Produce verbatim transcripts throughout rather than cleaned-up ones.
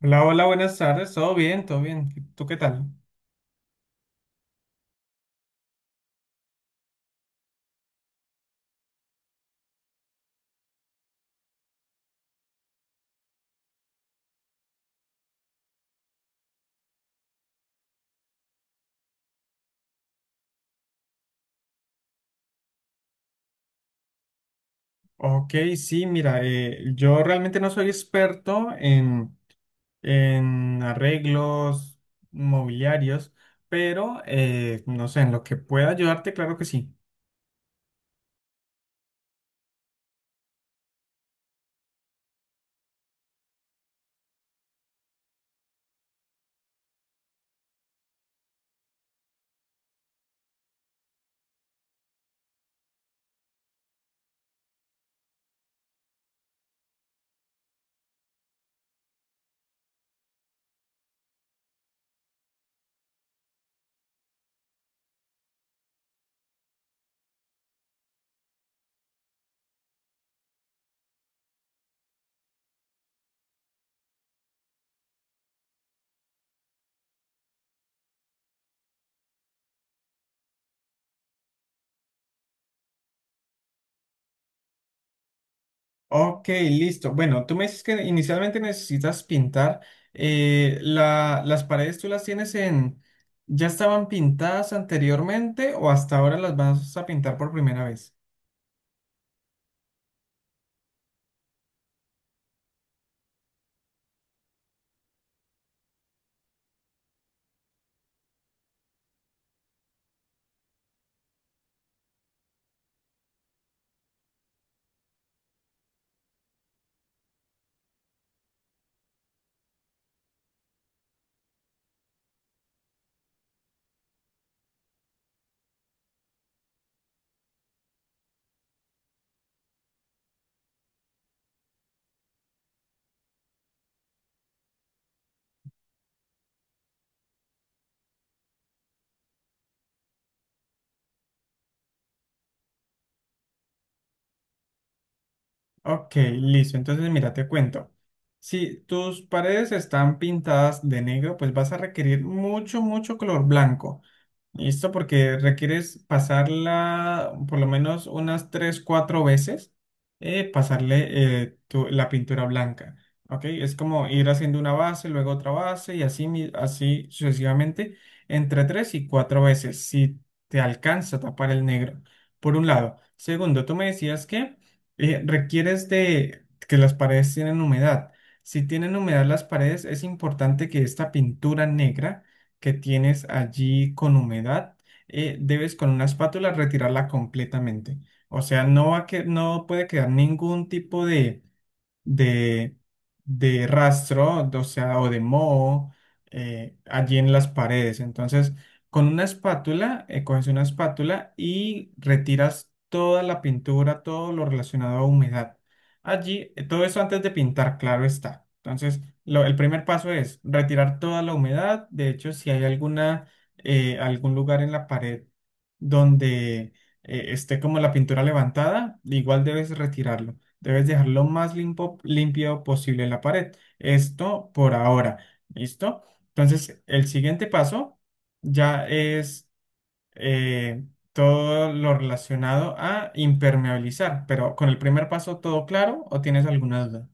Hola, hola, buenas tardes. ¿Todo bien? ¿Todo bien? ¿Tú qué tal? Ok, sí, mira, eh, yo realmente no soy experto en, en arreglos mobiliarios, pero eh, no sé, en lo que pueda ayudarte, claro que sí. Ok, listo. Bueno, tú me dices que inicialmente necesitas pintar. eh, la- las paredes tú las tienes en... ¿Ya estaban pintadas anteriormente o hasta ahora las vas a pintar por primera vez? Ok, listo. Entonces, mira, te cuento. Si tus paredes están pintadas de negro, pues vas a requerir mucho, mucho color blanco. Listo, porque requieres pasarla por lo menos unas tres cuatro veces, eh, pasarle eh, tu- la pintura blanca. ¿Ok? Es como ir haciendo una base, luego otra base y así, mi- así sucesivamente, entre tres y cuatro veces, si te alcanza a tapar el negro, por un lado. Segundo, tú me decías que eh, requieres de que las paredes tienen humedad. Si tienen humedad las paredes, es importante que esta pintura negra que tienes allí con humedad, eh, debes con una espátula retirarla completamente. O sea, no va a que, no puede quedar ningún tipo de, de, de rastro, o sea, o de moho eh, allí en las paredes. Entonces, con una espátula, eh, coges una espátula y retiras toda la pintura, todo lo relacionado a humedad. Allí, eh, todo eso antes de pintar, claro está. Entonces, lo- el primer paso es retirar toda la humedad. De hecho, si hay alguna, eh, algún lugar en la pared donde eh, esté como la pintura levantada, igual debes retirarlo. Debes dejar lo más limpo- limpio posible la pared. Esto por ahora. ¿Listo? Entonces, el siguiente paso ya es eh, todo lo relacionado a impermeabilizar. Pero con el primer paso, ¿todo claro o tienes alguna duda?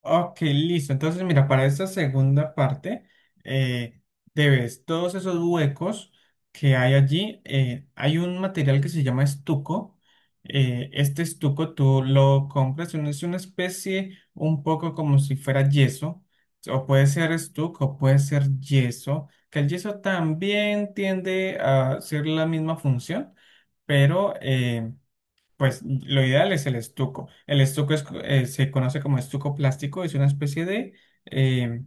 Ok, listo. Entonces, mira, para esta segunda parte, eh, debes todos esos huecos que hay allí. Eh, hay un material que se llama estuco. Eh, este estuco tú lo compras, un- es una especie un poco como si fuera yeso. O puede ser estuco, o puede ser yeso. Que el yeso también tiende a ser la misma función, pero... eh, pues lo ideal es el estuco. El estuco es, co- eh, se conoce como estuco plástico, es una especie de, eh,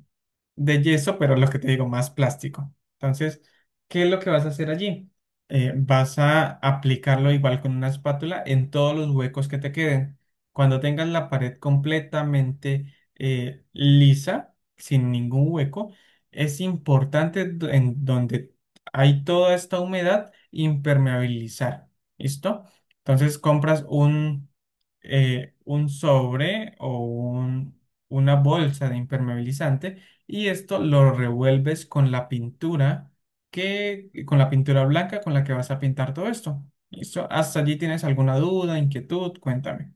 de yeso, pero lo que te digo, más plástico. Entonces, ¿qué es lo que vas a hacer allí? Eh, vas a aplicarlo igual con una espátula en todos los huecos que te queden. Cuando tengas la pared completamente eh, lisa, sin ningún hueco, es importante do- en donde hay toda esta humedad impermeabilizar. ¿Listo? Entonces compras un, eh, un sobre o un- una bolsa de impermeabilizante y esto lo revuelves con la pintura que, con la pintura blanca con la que vas a pintar todo esto. ¿Listo? ¿Hasta allí tienes alguna duda, inquietud? Cuéntame.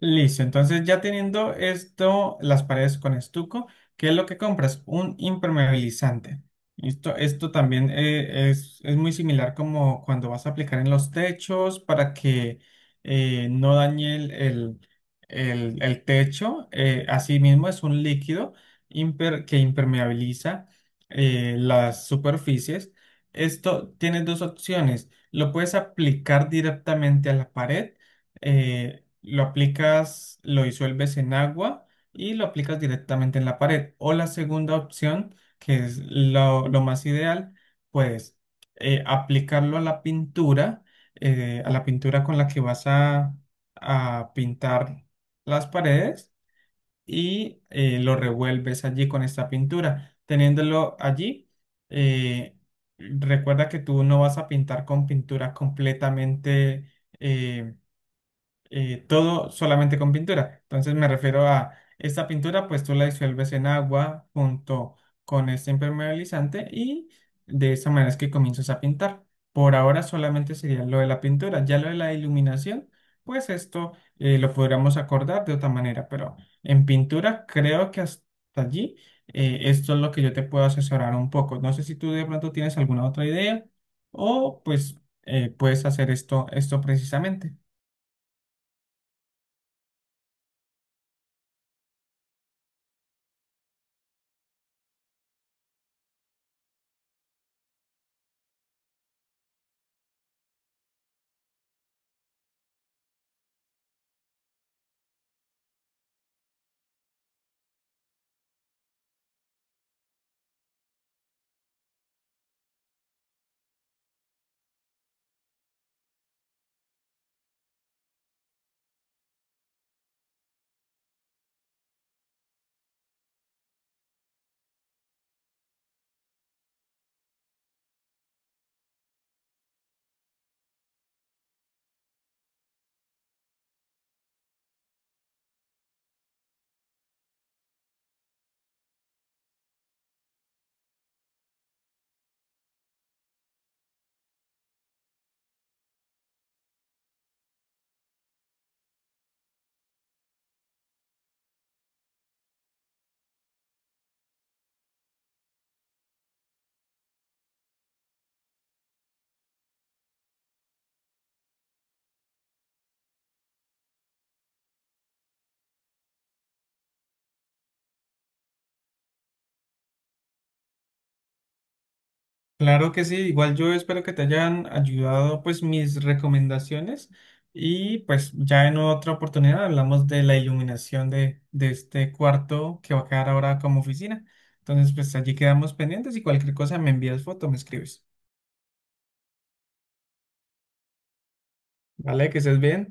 Listo, entonces ya teniendo esto, las paredes con estuco, ¿qué es lo que compras? Un impermeabilizante. Listo, esto también eh, es, es muy similar como cuando vas a aplicar en los techos para que eh, no dañe el, el- el- el techo. Eh, asimismo, es un líquido imper- que impermeabiliza eh, las superficies. Esto tiene dos opciones. Lo puedes aplicar directamente a la pared eh, lo aplicas, lo disuelves en agua y lo aplicas directamente en la pared. O la segunda opción, que es lo, lo más ideal, pues eh, aplicarlo a la pintura, eh, a la pintura con la que vas a, a pintar las paredes y eh, lo revuelves allí con esta pintura. Teniéndolo allí, eh, recuerda que tú no vas a pintar con pintura completamente... eh, eh, todo solamente con pintura. Entonces me refiero a esta pintura, pues tú la disuelves en agua junto con este impermeabilizante y de esa manera es que comienzas a pintar. Por ahora solamente sería lo de la pintura, ya lo de la iluminación, pues esto eh, lo podríamos acordar de otra manera, pero en pintura creo que hasta allí eh, esto es lo que yo te puedo asesorar un poco. No sé si tú de pronto tienes alguna otra idea o pues eh, puedes hacer esto, esto precisamente. Claro que sí, igual yo espero que te hayan ayudado pues mis recomendaciones y pues ya en otra oportunidad hablamos de la iluminación de, de este cuarto que va a quedar ahora como oficina. Entonces pues allí quedamos pendientes y cualquier cosa me envías foto, me escribes. Vale, que estés bien.